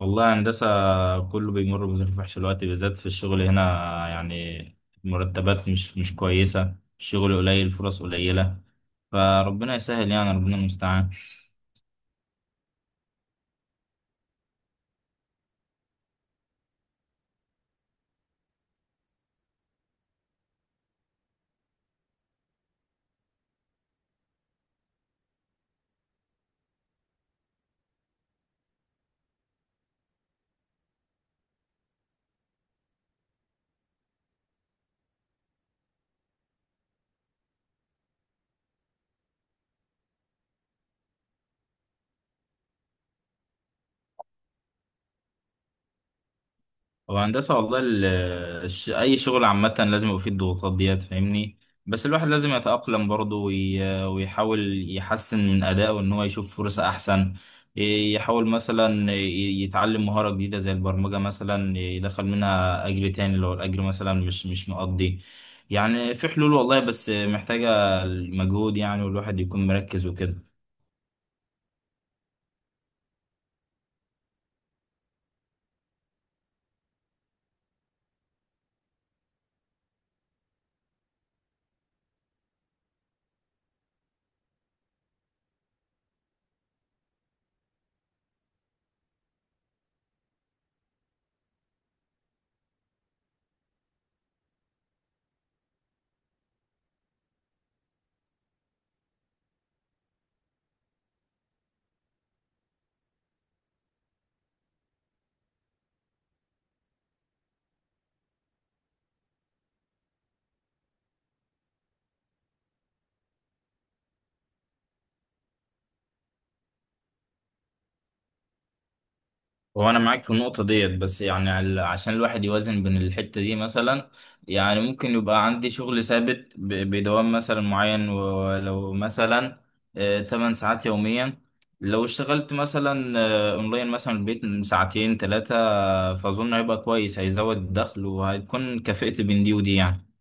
والله هندسة، كله بيمر بظروف وحشة دلوقتي بالذات في الشغل هنا. يعني المرتبات مش كويسة، الشغل قليل، الفرص قليلة. فربنا يسهل، يعني ربنا المستعان. هو هندسة والله، أي شغل عامة لازم يبقى فيه الضغوطات ديت، فاهمني؟ بس الواحد لازم يتأقلم برضه ويحاول يحسن من أدائه إن هو يشوف فرصة أحسن. يحاول مثلا يتعلم مهارة جديدة زي البرمجة مثلا، يدخل منها أجر تاني لو الأجر مثلا مش مقضي. يعني في حلول والله، بس محتاجة المجهود يعني، والواحد يكون مركز وكده. هو انا معاك في النقطه ديت، بس يعني عشان الواحد يوازن بين الحته دي مثلا. يعني ممكن يبقى عندي شغل ثابت بدوام مثلا معين، ولو مثلا 8 ساعات يوميا. لو اشتغلت مثلا اونلاين مثلا البيت من ساعتين ثلاثه، فاظن هيبقى كويس، هيزود الدخل، وهتكون كفئت بين دي ودي يعني.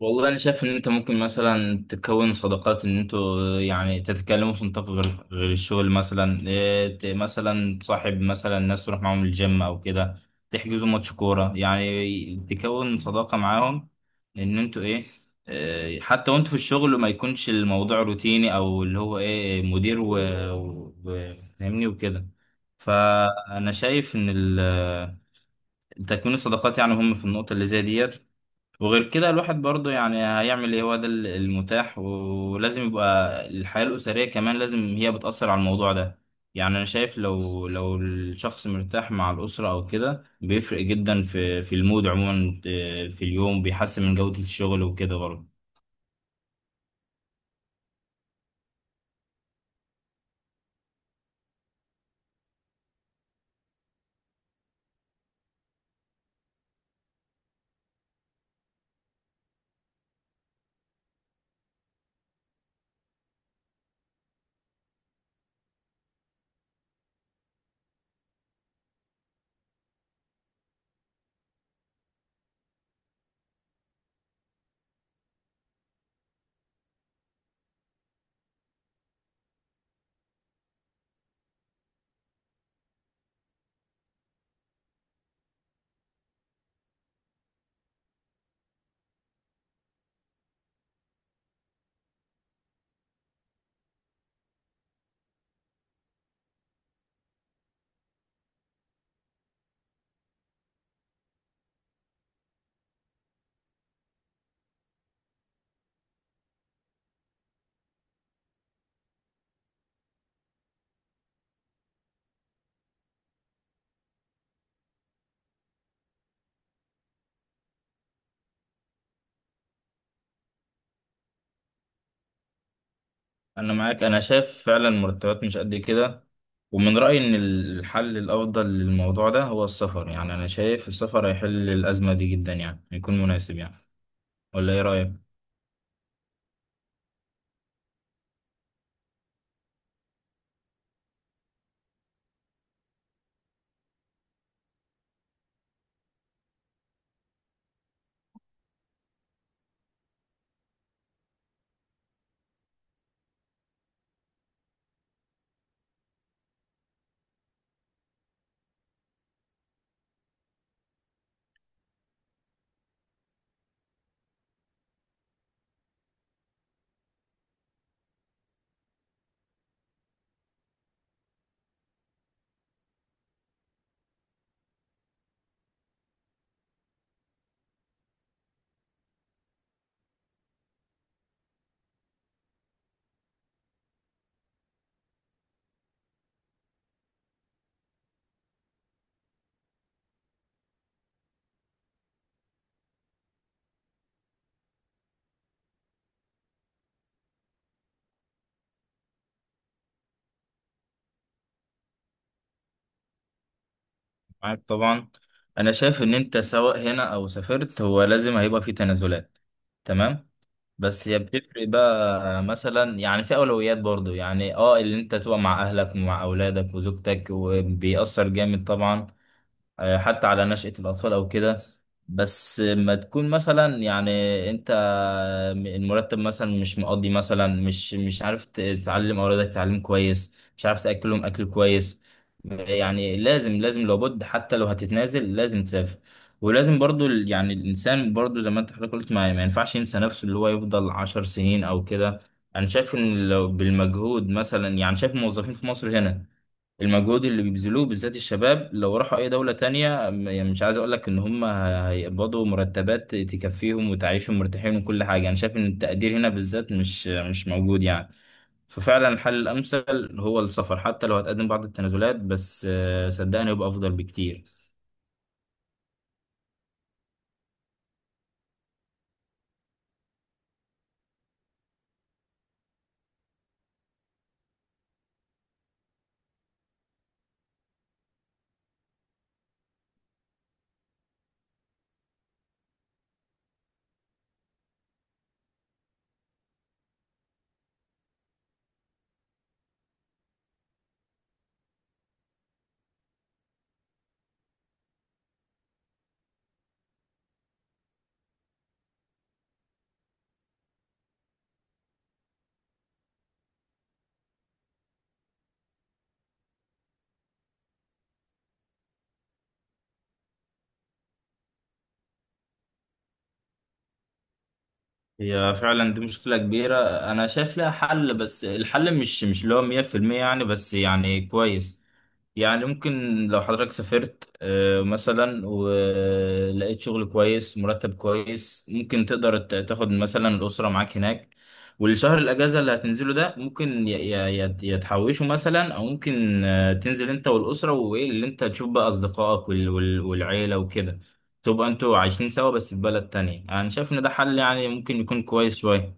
والله انا شايف ان انت ممكن مثلا تكون صداقات، ان انتوا يعني تتكلموا في نطاق غير الشغل، مثلا مثلا تصاحب مثلا ناس تروح معاهم الجيم او كده، تحجزوا ماتش كوره، يعني تكون صداقه معاهم. ان انتوا ايه. حتى وانتوا في الشغل ما يكونش الموضوع روتيني، او اللي هو ايه مدير و- و- فاهمني وكده. فانا شايف ان تكوين الصداقات يعني هم في النقطه اللي زي ديت. وغير كده الواحد برضه يعني هيعمل ايه، هو ده المتاح. ولازم يبقى الحياة الأسرية كمان، لازم هي بتأثر على الموضوع ده. يعني أنا شايف لو الشخص مرتاح مع الأسرة أو كده بيفرق جدا في المود عموما في اليوم، بيحسن من جودة الشغل وكده برضه. أنا معاك، أنا شايف فعلا مرتبات مش قد كده. ومن رأيي إن الحل الأفضل للموضوع ده هو السفر. يعني أنا شايف السفر هيحل الأزمة دي جدا، يعني يكون مناسب يعني. ولا إيه رأيك؟ معاك طبعا، انا شايف ان انت سواء هنا او سافرت هو لازم هيبقى في تنازلات. تمام. بس هي بتفرق بقى مثلا يعني، في اولويات برضو يعني اللي انت تبقى مع اهلك ومع اولادك وزوجتك، وبيأثر جامد طبعا. حتى على نشأة الأطفال أو كده. بس ما تكون مثلا يعني أنت، المرتب مثلا مش مقضي مثلا، مش عارف تعلم أولادك تعليم كويس، مش عارف تأكلهم أكل كويس. يعني لازم لابد، حتى لو هتتنازل لازم تسافر. ولازم برضو يعني الإنسان برضو زي ما أنت حضرتك قلت، ما ينفعش ينسى نفسه، اللي هو يفضل 10 سنين أو كده. أنا شايف إن لو بالمجهود مثلا، يعني شايف الموظفين في مصر هنا، المجهود اللي بيبذلوه بالذات الشباب لو راحوا اي دولة تانية يعني مش عايز اقول لك ان هم هيقبضوا مرتبات تكفيهم وتعيشهم مرتاحين وكل حاجة. انا شايف ان التقدير هنا بالذات مش موجود يعني. ففعلا الحل الامثل هو السفر، حتى لو هتقدم بعض التنازلات، بس صدقني يبقى افضل بكتير. هي فعلا دي مشكلة كبيرة. أنا شايف لها حل، بس الحل مش اللي هو 100% يعني، بس يعني كويس. يعني ممكن، لو حضرتك سافرت مثلا ولقيت شغل كويس مرتب كويس، ممكن تقدر تاخد مثلا الأسرة معاك هناك. والشهر الأجازة اللي هتنزله ده ممكن يتحوشه مثلا، أو ممكن تنزل أنت والأسرة، وإيه اللي أنت تشوف بقى أصدقائك والعيلة وكده. تبقى انتوا عايشين سوا بس في بلد تانية. انا شايف ان ده حل يعني، ممكن يكون كويس شوية.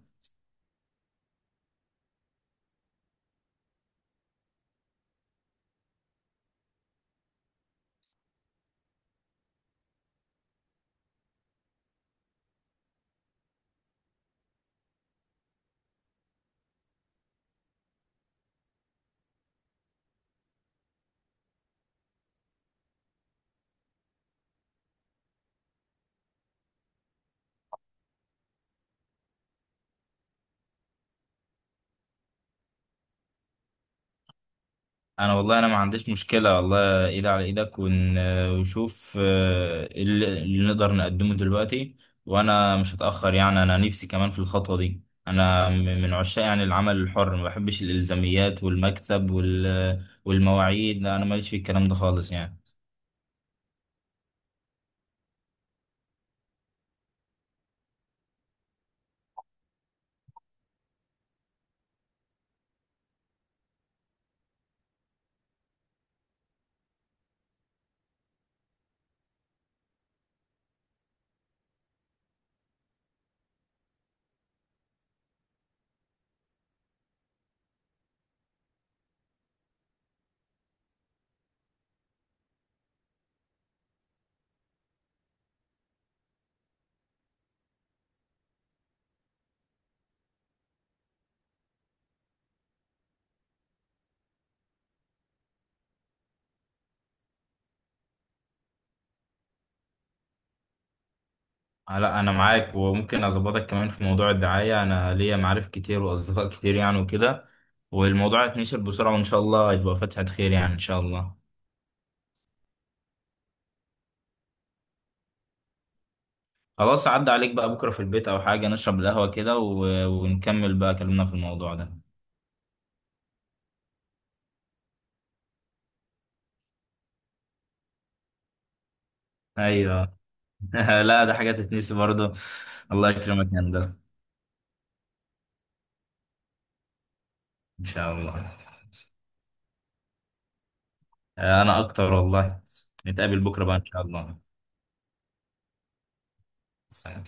انا والله انا ما عنديش مشكلة والله، ايد على ايدك ونشوف اللي نقدر نقدمه دلوقتي. وانا مش هتأخر يعني، انا نفسي كمان في الخطوة دي. انا من عشاق يعني العمل الحر، ما بحبش الالزاميات والمكتب والمواعيد. لا انا ماليش في الكلام ده خالص يعني. لا انا معاك، وممكن اظبطك كمان في موضوع الدعاية، انا ليا معارف كتير واصدقاء كتير يعني وكده. والموضوع هيتنشر بسرعة، وان شاء الله هيبقى فتحة خير يعني ان شاء الله. خلاص، عدى عليك بقى بكرة في البيت او حاجة، نشرب القهوة كده ونكمل بقى كلامنا في الموضوع ده. ايوه. لا ده حاجة تتنسي برضه. الله يكرمك يا هندسة، ان شاء الله. انا اكتر والله. نتقابل بكرة بقى ان شاء الله. سلام.